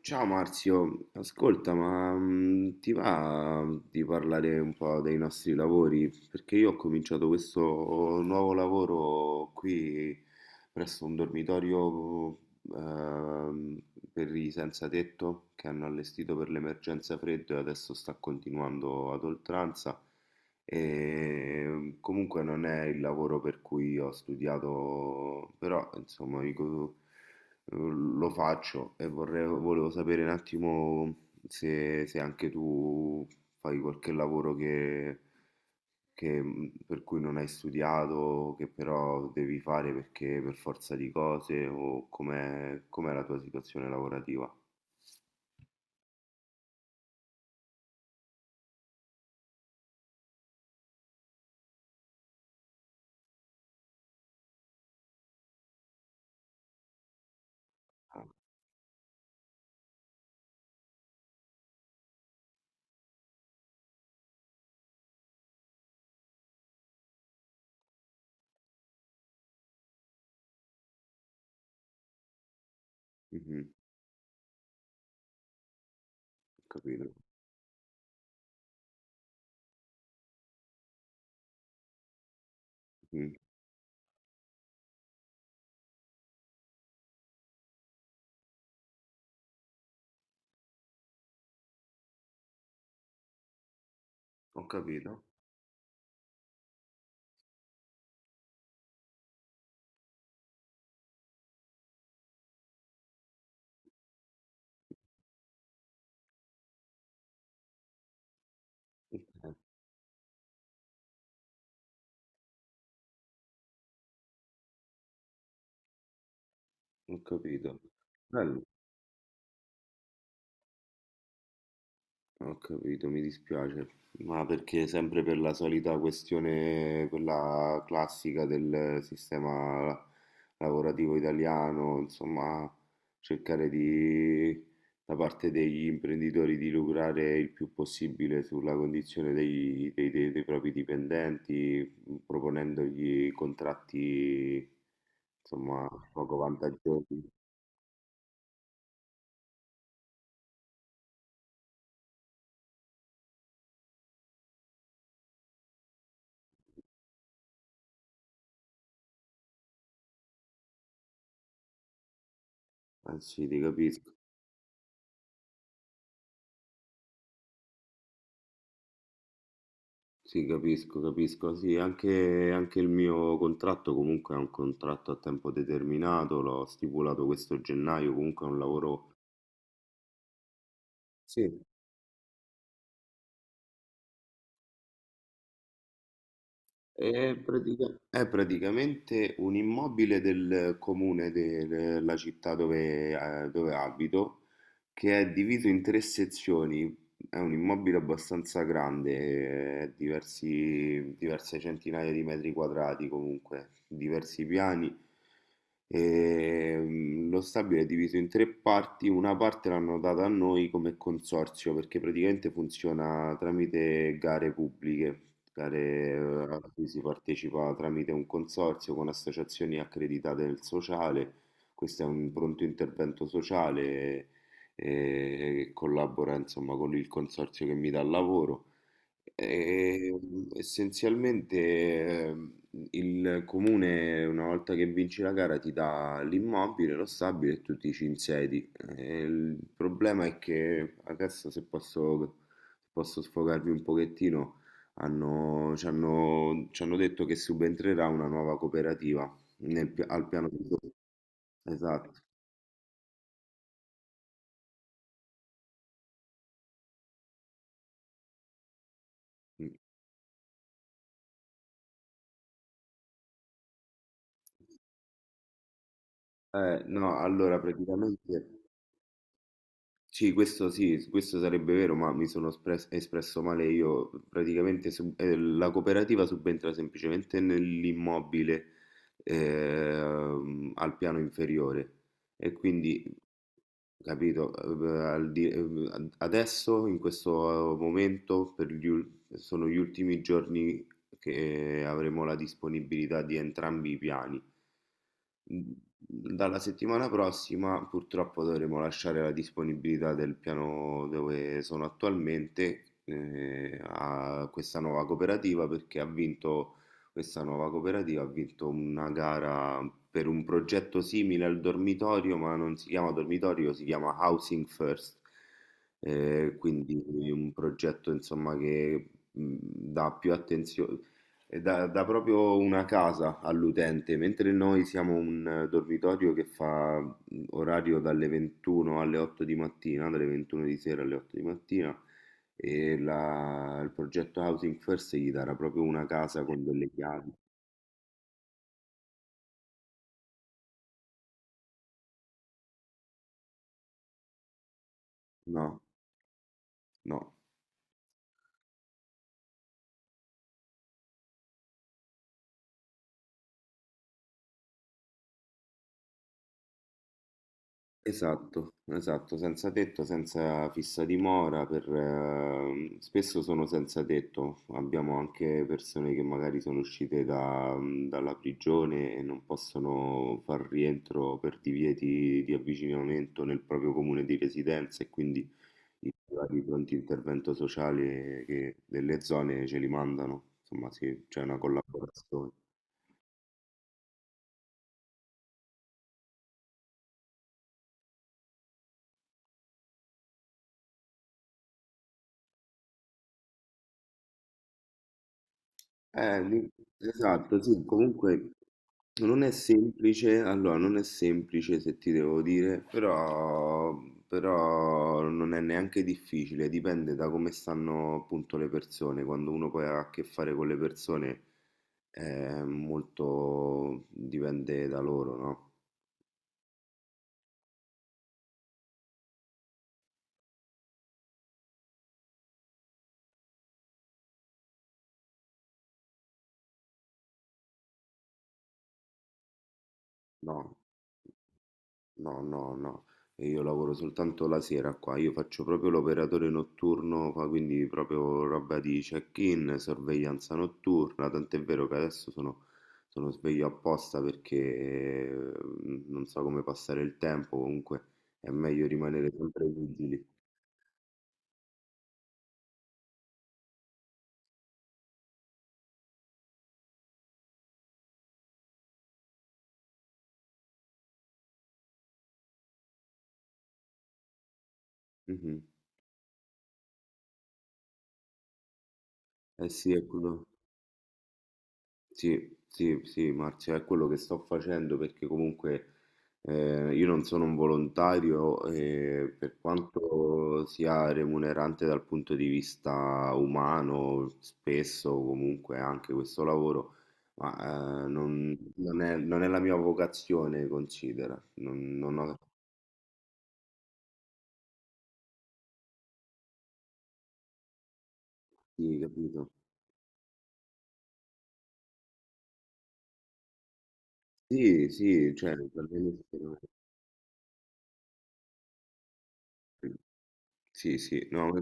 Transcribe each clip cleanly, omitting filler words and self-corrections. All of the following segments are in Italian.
Ciao Marzio, ascolta, ma ti va di parlare un po' dei nostri lavori? Perché io ho cominciato questo nuovo lavoro qui presso un dormitorio ehm, per i senza tetto che hanno allestito per l'emergenza freddo e adesso sta continuando ad oltranza. E comunque non è il lavoro per cui ho studiato, però insomma, dico lo faccio e volevo sapere un attimo se anche tu fai qualche lavoro che, per cui non hai studiato, che però devi fare perché per forza di cose, o com'è la tua situazione lavorativa? Ah, mhm, ho capito. Mm, ho capito. Ok, ho capito. Bello. Ho capito, mi dispiace, ma perché sempre per la solita questione, quella classica del sistema lavorativo italiano, insomma, cercare di, da parte degli imprenditori di lucrare il più possibile sulla condizione dei propri dipendenti, proponendogli contratti, insomma, poco vantaggiosi. Anzi, ti capisco. Sì, capisco, capisco. Sì, anche il mio contratto comunque è un contratto a tempo determinato, l'ho stipulato questo gennaio, comunque è un lavoro... Sì. È praticamente un immobile del comune della città dove, dove abito che è diviso in tre sezioni. È un immobile abbastanza grande, diverse centinaia di metri quadrati comunque, diversi piani. E, lo stabile è diviso in tre parti, una parte l'hanno data a noi come consorzio perché praticamente funziona tramite gare pubbliche, gare a cui si partecipa tramite un consorzio con associazioni accreditate del sociale. Questo è un pronto intervento sociale e collabora insomma con il consorzio che mi dà il lavoro. E, essenzialmente il comune, una volta che vinci la gara, ti dà l'immobile, lo stabile e tu ti ci insedi. E il problema è che adesso, se posso, sfogarvi un pochettino, ci hanno detto che subentrerà una nuova cooperativa al piano di... Esatto. No, allora praticamente. Sì, questo sarebbe vero, ma mi sono espresso male io. Praticamente la cooperativa subentra semplicemente nell'immobile al piano inferiore e quindi, capito, adesso, in questo momento, sono gli ultimi giorni che avremo la disponibilità di entrambi i piani. Mhmm. Dalla settimana prossima purtroppo dovremo lasciare la disponibilità del piano dove sono attualmente a questa nuova cooperativa perché ha vinto questa nuova cooperativa ha vinto una gara per un progetto simile al dormitorio, ma non si chiama dormitorio, si chiama Housing First. Quindi un progetto insomma che dà più attenzione e dà proprio una casa all'utente, mentre noi siamo un dormitorio che fa orario dalle 21 alle 8 di mattina, dalle 21 di sera alle 8 di mattina, e il progetto Housing First gli darà proprio una casa con delle chiavi. No, no. Esatto, esatto, senza tetto, senza fissa dimora, spesso sono senza tetto, abbiamo anche persone che magari sono uscite dalla prigione e non possono far rientro per divieti di avvicinamento nel proprio comune di residenza e quindi i vari pronti intervento sociale che delle zone ce li mandano, insomma sì, c'è una collaborazione. Eh, lì- esatto, sì, comunque non è semplice, allora non è semplice se ti devo dire, però non è neanche difficile, dipende da come stanno appunto le persone, quando uno poi ha a che fare con le persone è molto dipende da loro, no? No. No, no, no, e io lavoro soltanto la sera qua, io faccio proprio l'operatore notturno, quindi proprio roba di check-in, sorveglianza notturna, tant'è vero che adesso sono sveglio apposta perché eh, non so come passare il tempo, comunque è meglio rimanere sempre vigili. Mhm. Eh sì, è quello. Sì, sì, sì, Marzio, è quello che sto facendo perché comunque io non sono un volontario e per quanto sia remunerante dal punto di vista umano, spesso comunque anche questo lavoro, ma non è la mia vocazione, considera. Non ho sì, capito. Sì, sì, cioè, per me- sì, sì, sì, no,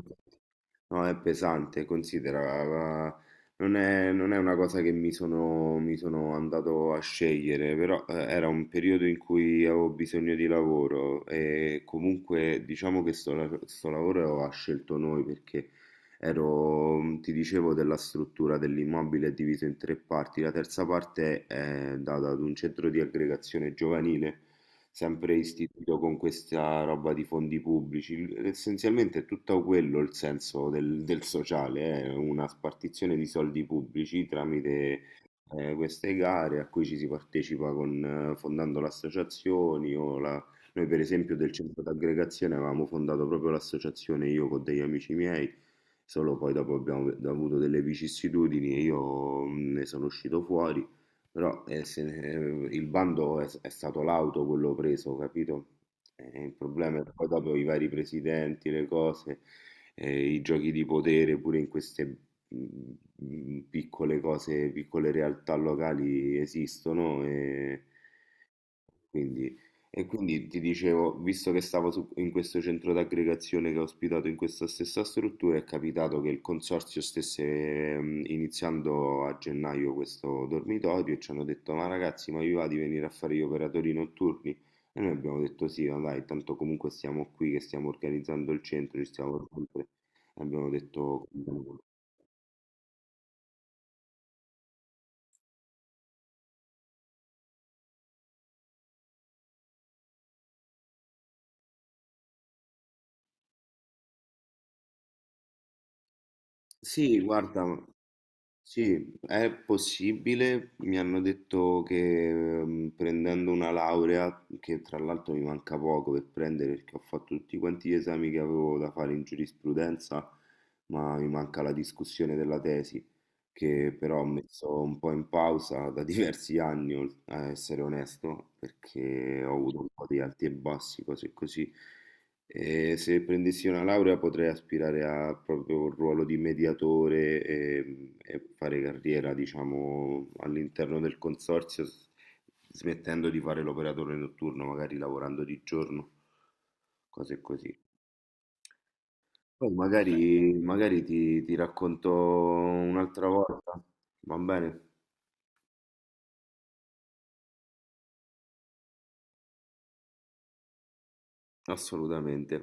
no, è pesante, considera, la- non è una cosa che mi sono andato a scegliere, però era un periodo in cui avevo bisogno di lavoro e comunque diciamo che sto lavoro l'aveva scelto noi perché ero, ti dicevo, della struttura dell'immobile diviso in tre parti, la terza parte è data ad un centro di aggregazione giovanile sempre istituito con questa roba di fondi pubblici. Essenzialmente è tutto quello il senso del sociale, è una spartizione di soldi pubblici tramite queste gare a cui ci si partecipa fondando le associazioni o la... Noi per esempio del centro d'aggregazione avevamo fondato proprio l'associazione io con degli amici miei, solo poi dopo abbiamo avuto delle vicissitudini e io ne sono uscito fuori però se ne- il bando è stato l'auto quello preso, capito? E il problema è che poi dopo i vari presidenti, le cose, i giochi di potere, pure in queste mm, piccole cose, piccole realtà locali esistono. E... Quindi, quindi, ti dicevo, visto che stavo in questo centro d'aggregazione che ho ospitato in questa stessa struttura, è capitato che il consorzio stesse iniziando a gennaio questo dormitorio e ci hanno detto: Ma ragazzi, ma vi va di venire a fare gli operatori notturni? E noi abbiamo detto: Sì, ma dai, tanto comunque stiamo qui che stiamo organizzando il centro, ci stiamo sempre. E abbiamo detto: Sì, guarda. Sì, è possibile. Mi hanno detto che prendendo una laurea, che tra l'altro mi manca poco per prendere perché ho fatto tutti quanti gli esami che avevo da fare in giurisprudenza, ma mi manca la discussione della tesi, che però ho messo un po' in pausa da diversi anni, a essere onesto, perché ho avuto un po' di alti e bassi, cose così. E se prendessi una laurea potrei aspirare a proprio un ruolo di mediatore e fare carriera, diciamo, all'interno del consorzio, smettendo di fare l'operatore notturno, magari lavorando di giorno, cose così. Poi perfetto, magari ti racconto un'altra volta, va bene? Assolutamente.